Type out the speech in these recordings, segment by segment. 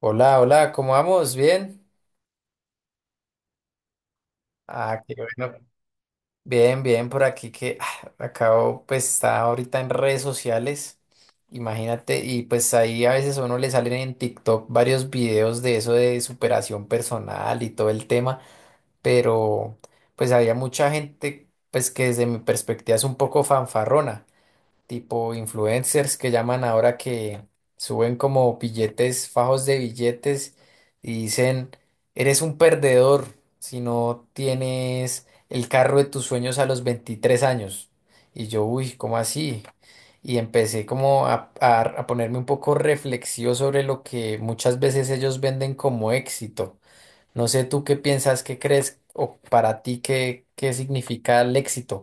Hola, hola, ¿cómo vamos? ¿Bien? Ah, qué bueno. Bien, bien, por aquí que acabo, pues está ahorita en redes sociales, imagínate, y pues ahí a veces a uno le salen en TikTok varios videos de eso de superación personal y todo el tema, pero pues había mucha gente, pues que desde mi perspectiva es un poco fanfarrona. Tipo influencers que llaman ahora, que suben como billetes, fajos de billetes, y dicen, eres un perdedor si no tienes el carro de tus sueños a los 23 años. Y yo, uy, ¿cómo así? Y empecé como a ponerme un poco reflexivo sobre lo que muchas veces ellos venden como éxito. No sé tú qué piensas, qué crees o para ti qué significa el éxito.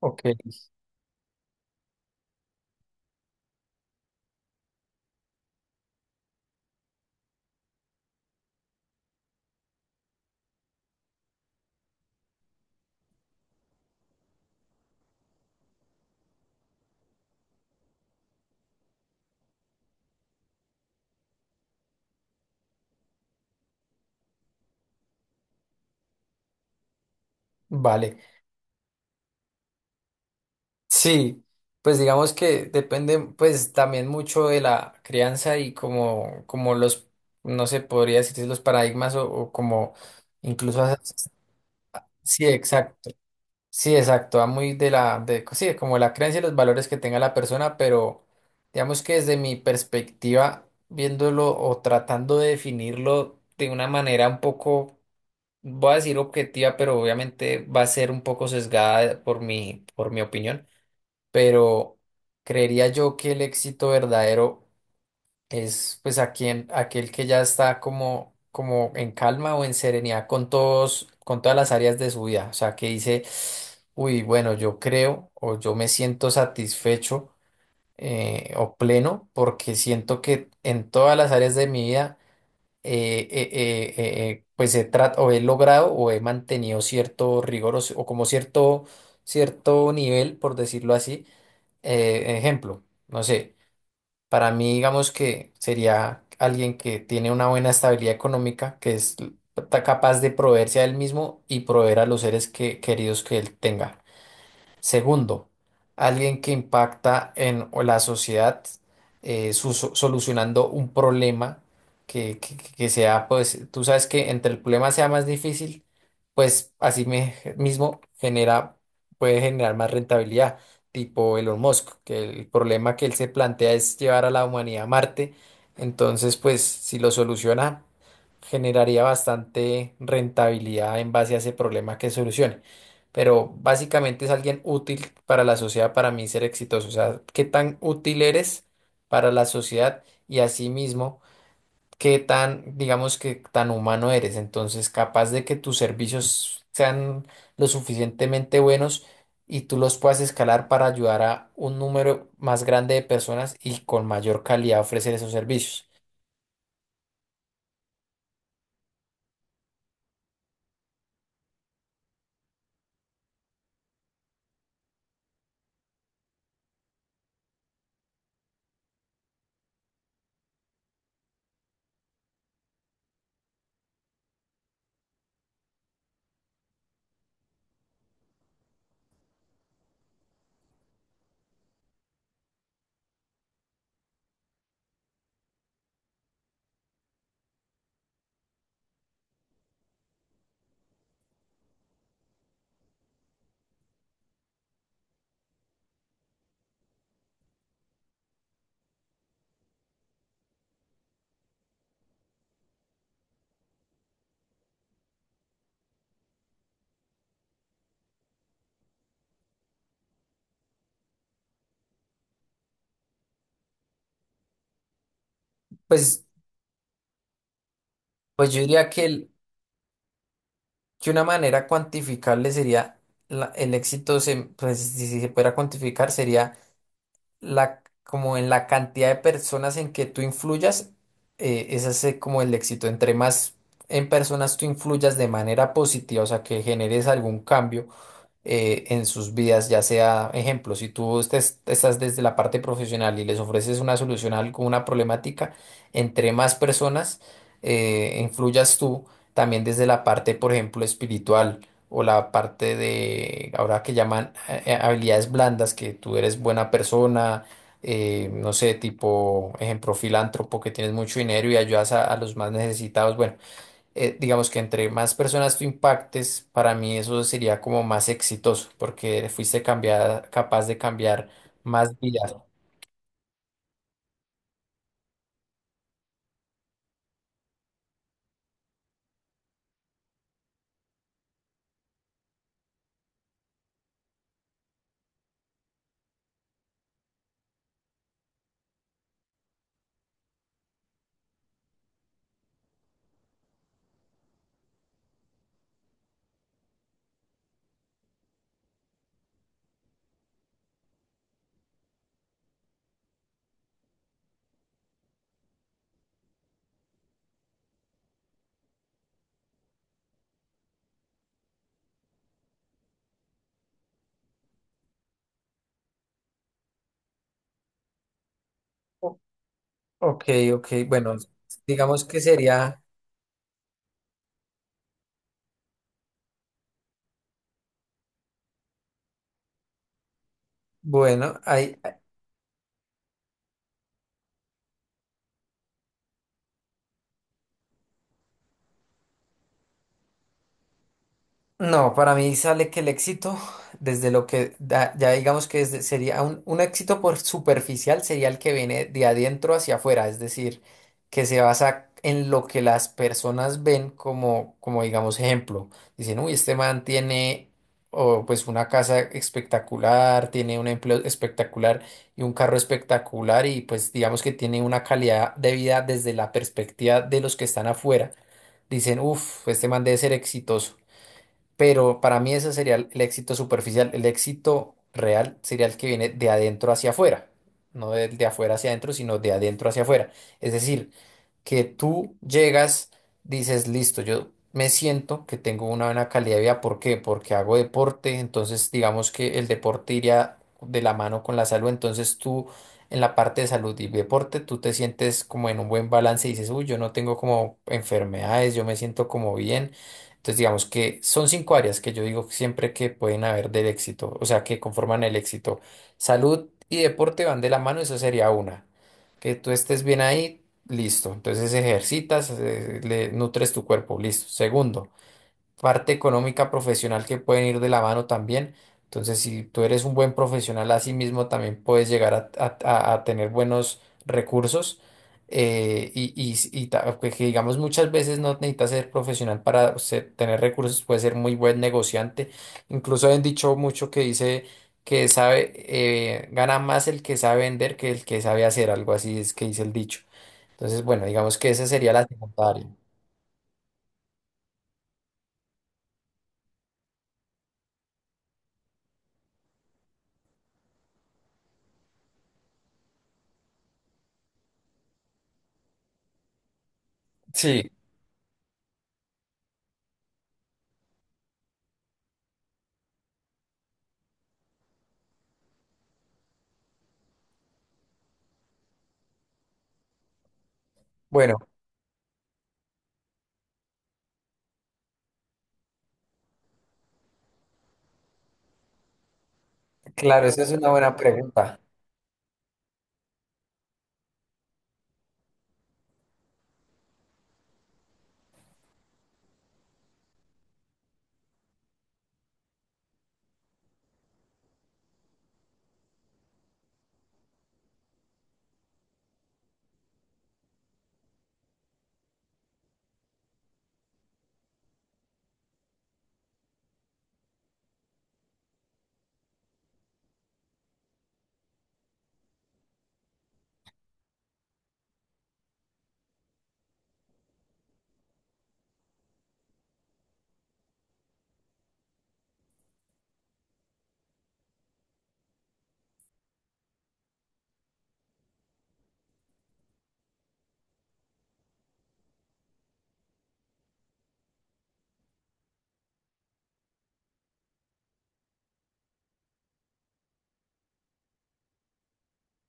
Ok, vale. Sí, pues digamos que depende pues también mucho de la crianza y como los, no sé, podría decir los paradigmas o como incluso, sí, exacto, sí, exacto, va muy de la, sí, como la creencia y los valores que tenga la persona, pero digamos que desde mi perspectiva, viéndolo o tratando de definirlo de una manera un poco, voy a decir objetiva, pero obviamente va a ser un poco sesgada por mi opinión, pero creería yo que el éxito verdadero es pues a quien, aquel que ya está como, como en calma o en serenidad con todos, con todas las áreas de su vida, o sea, que dice, uy, bueno, yo creo o yo me siento satisfecho, o pleno, porque siento que en todas las áreas de mi vida pues he, o he logrado o he mantenido cierto rigor o como cierto nivel, por decirlo así. Ejemplo no sé, para mí digamos que sería alguien que tiene una buena estabilidad económica, que es capaz de proveerse a él mismo y proveer a los seres queridos que él tenga. Segundo, alguien que impacta en la sociedad, solucionando un problema que, que sea, pues, tú sabes, que entre el problema sea más difícil, pues así mismo genera, puede generar más rentabilidad, tipo Elon Musk, que el problema que él se plantea es llevar a la humanidad a Marte. Entonces, pues, si lo soluciona, generaría bastante rentabilidad en base a ese problema que solucione, pero básicamente es alguien útil para la sociedad, para mí ser exitoso. O sea, qué tan útil eres para la sociedad y asimismo, qué tan, digamos, que tan humano eres. Entonces, capaz de que tus servicios sean lo suficientemente buenos y tú los puedas escalar para ayudar a un número más grande de personas y con mayor calidad ofrecer esos servicios. Pues, pues yo diría que que una manera cuantificable sería el éxito, se, pues, si se pudiera cuantificar, sería la, como en la cantidad de personas en que tú influyas. Ese es como el éxito. Entre más en personas tú influyas de manera positiva, o sea, que generes algún cambio en sus vidas, ya sea, ejemplo, si tú estás desde la parte profesional y les ofreces una solución a una problemática, entre más personas influyas tú, también desde la parte, por ejemplo, espiritual o la parte de, ahora que llaman habilidades blandas, que tú eres buena persona. No sé, tipo, ejemplo, filántropo, que tienes mucho dinero y ayudas a los más necesitados. Bueno, digamos que entre más personas tú impactes, para mí eso sería como más exitoso, porque fuiste cambiada, capaz de cambiar más vidas. O- Ok, ok, bueno, digamos que sería bueno, ahí no, para mí sale que el éxito, desde lo que ya digamos que sería un éxito por superficial, sería el que viene de adentro hacia afuera, es decir, que se basa en lo que las personas ven como, como digamos, ejemplo. Dicen, uy, este man tiene o pues una casa espectacular, tiene un empleo espectacular y un carro espectacular, y pues digamos que tiene una calidad de vida desde la perspectiva de los que están afuera. Dicen, uff, este man debe ser exitoso. Pero para mí ese sería el éxito superficial. El éxito real sería el que viene de adentro hacia afuera. No del de afuera hacia adentro, sino de adentro hacia afuera. Es decir, que tú llegas, dices, listo, yo me siento que tengo una buena calidad de vida. ¿Por qué? Porque hago deporte, entonces digamos que el deporte iría de la mano con la salud, entonces tú en la parte de salud y deporte, tú te sientes como en un buen balance y dices, uy, yo no tengo como enfermedades, yo me siento como bien. Entonces digamos que son cinco áreas que yo digo siempre que pueden haber del éxito, o sea, que conforman el éxito. Salud y deporte van de la mano, eso sería una, que tú estés bien ahí. Listo, entonces ejercitas, le nutres tu cuerpo, listo. Segundo, parte económica profesional, que pueden ir de la mano también. Entonces, si tú eres un buen profesional, así mismo también puedes llegar a tener buenos recursos. eh, y, y, que digamos, muchas veces no necesitas ser profesional para tener recursos, puedes ser muy buen negociante. Incluso han dicho mucho, que dice que sabe, gana más el que sabe vender que el que sabe hacer, algo así es que dice el dicho. Entonces, bueno, digamos que esa sería la segunda área. Sí, bueno, claro, esa es una buena pregunta.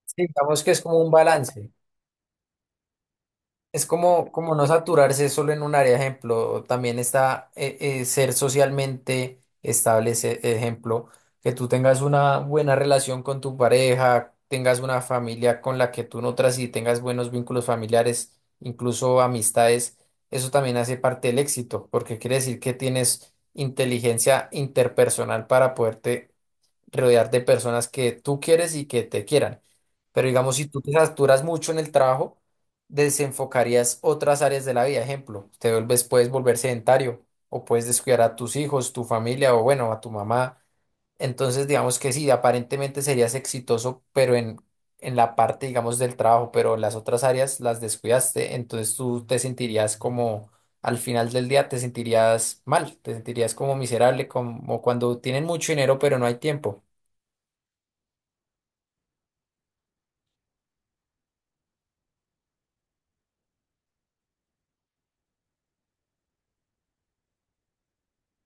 Sí, digamos que es como un balance. Es como, como no saturarse solo en un área, ejemplo, también está ser socialmente estable, ese ejemplo, que tú tengas una buena relación con tu pareja, tengas una familia con la que tú nutras y tengas buenos vínculos familiares, incluso amistades, eso también hace parte del éxito, porque quiere decir que tienes inteligencia interpersonal para poderte rodear de personas que tú quieres y que te quieran. Pero digamos, si tú te saturas mucho en el trabajo, desenfocarías otras áreas de la vida. Ejemplo, te vuelves, puedes volver sedentario o puedes descuidar a tus hijos, tu familia o bueno, a tu mamá. Entonces, digamos que sí, aparentemente serías exitoso, pero en la parte, digamos, del trabajo, pero las otras áreas las descuidaste. Entonces tú te sentirías como, al final del día te sentirías mal, te sentirías como miserable, como cuando tienen mucho dinero, pero no hay tiempo.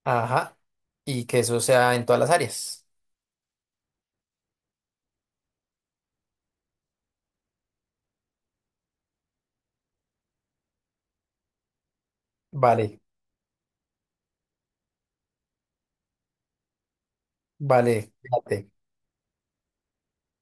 Ajá. Y que eso sea en todas las áreas. Vale, vale, fíjate.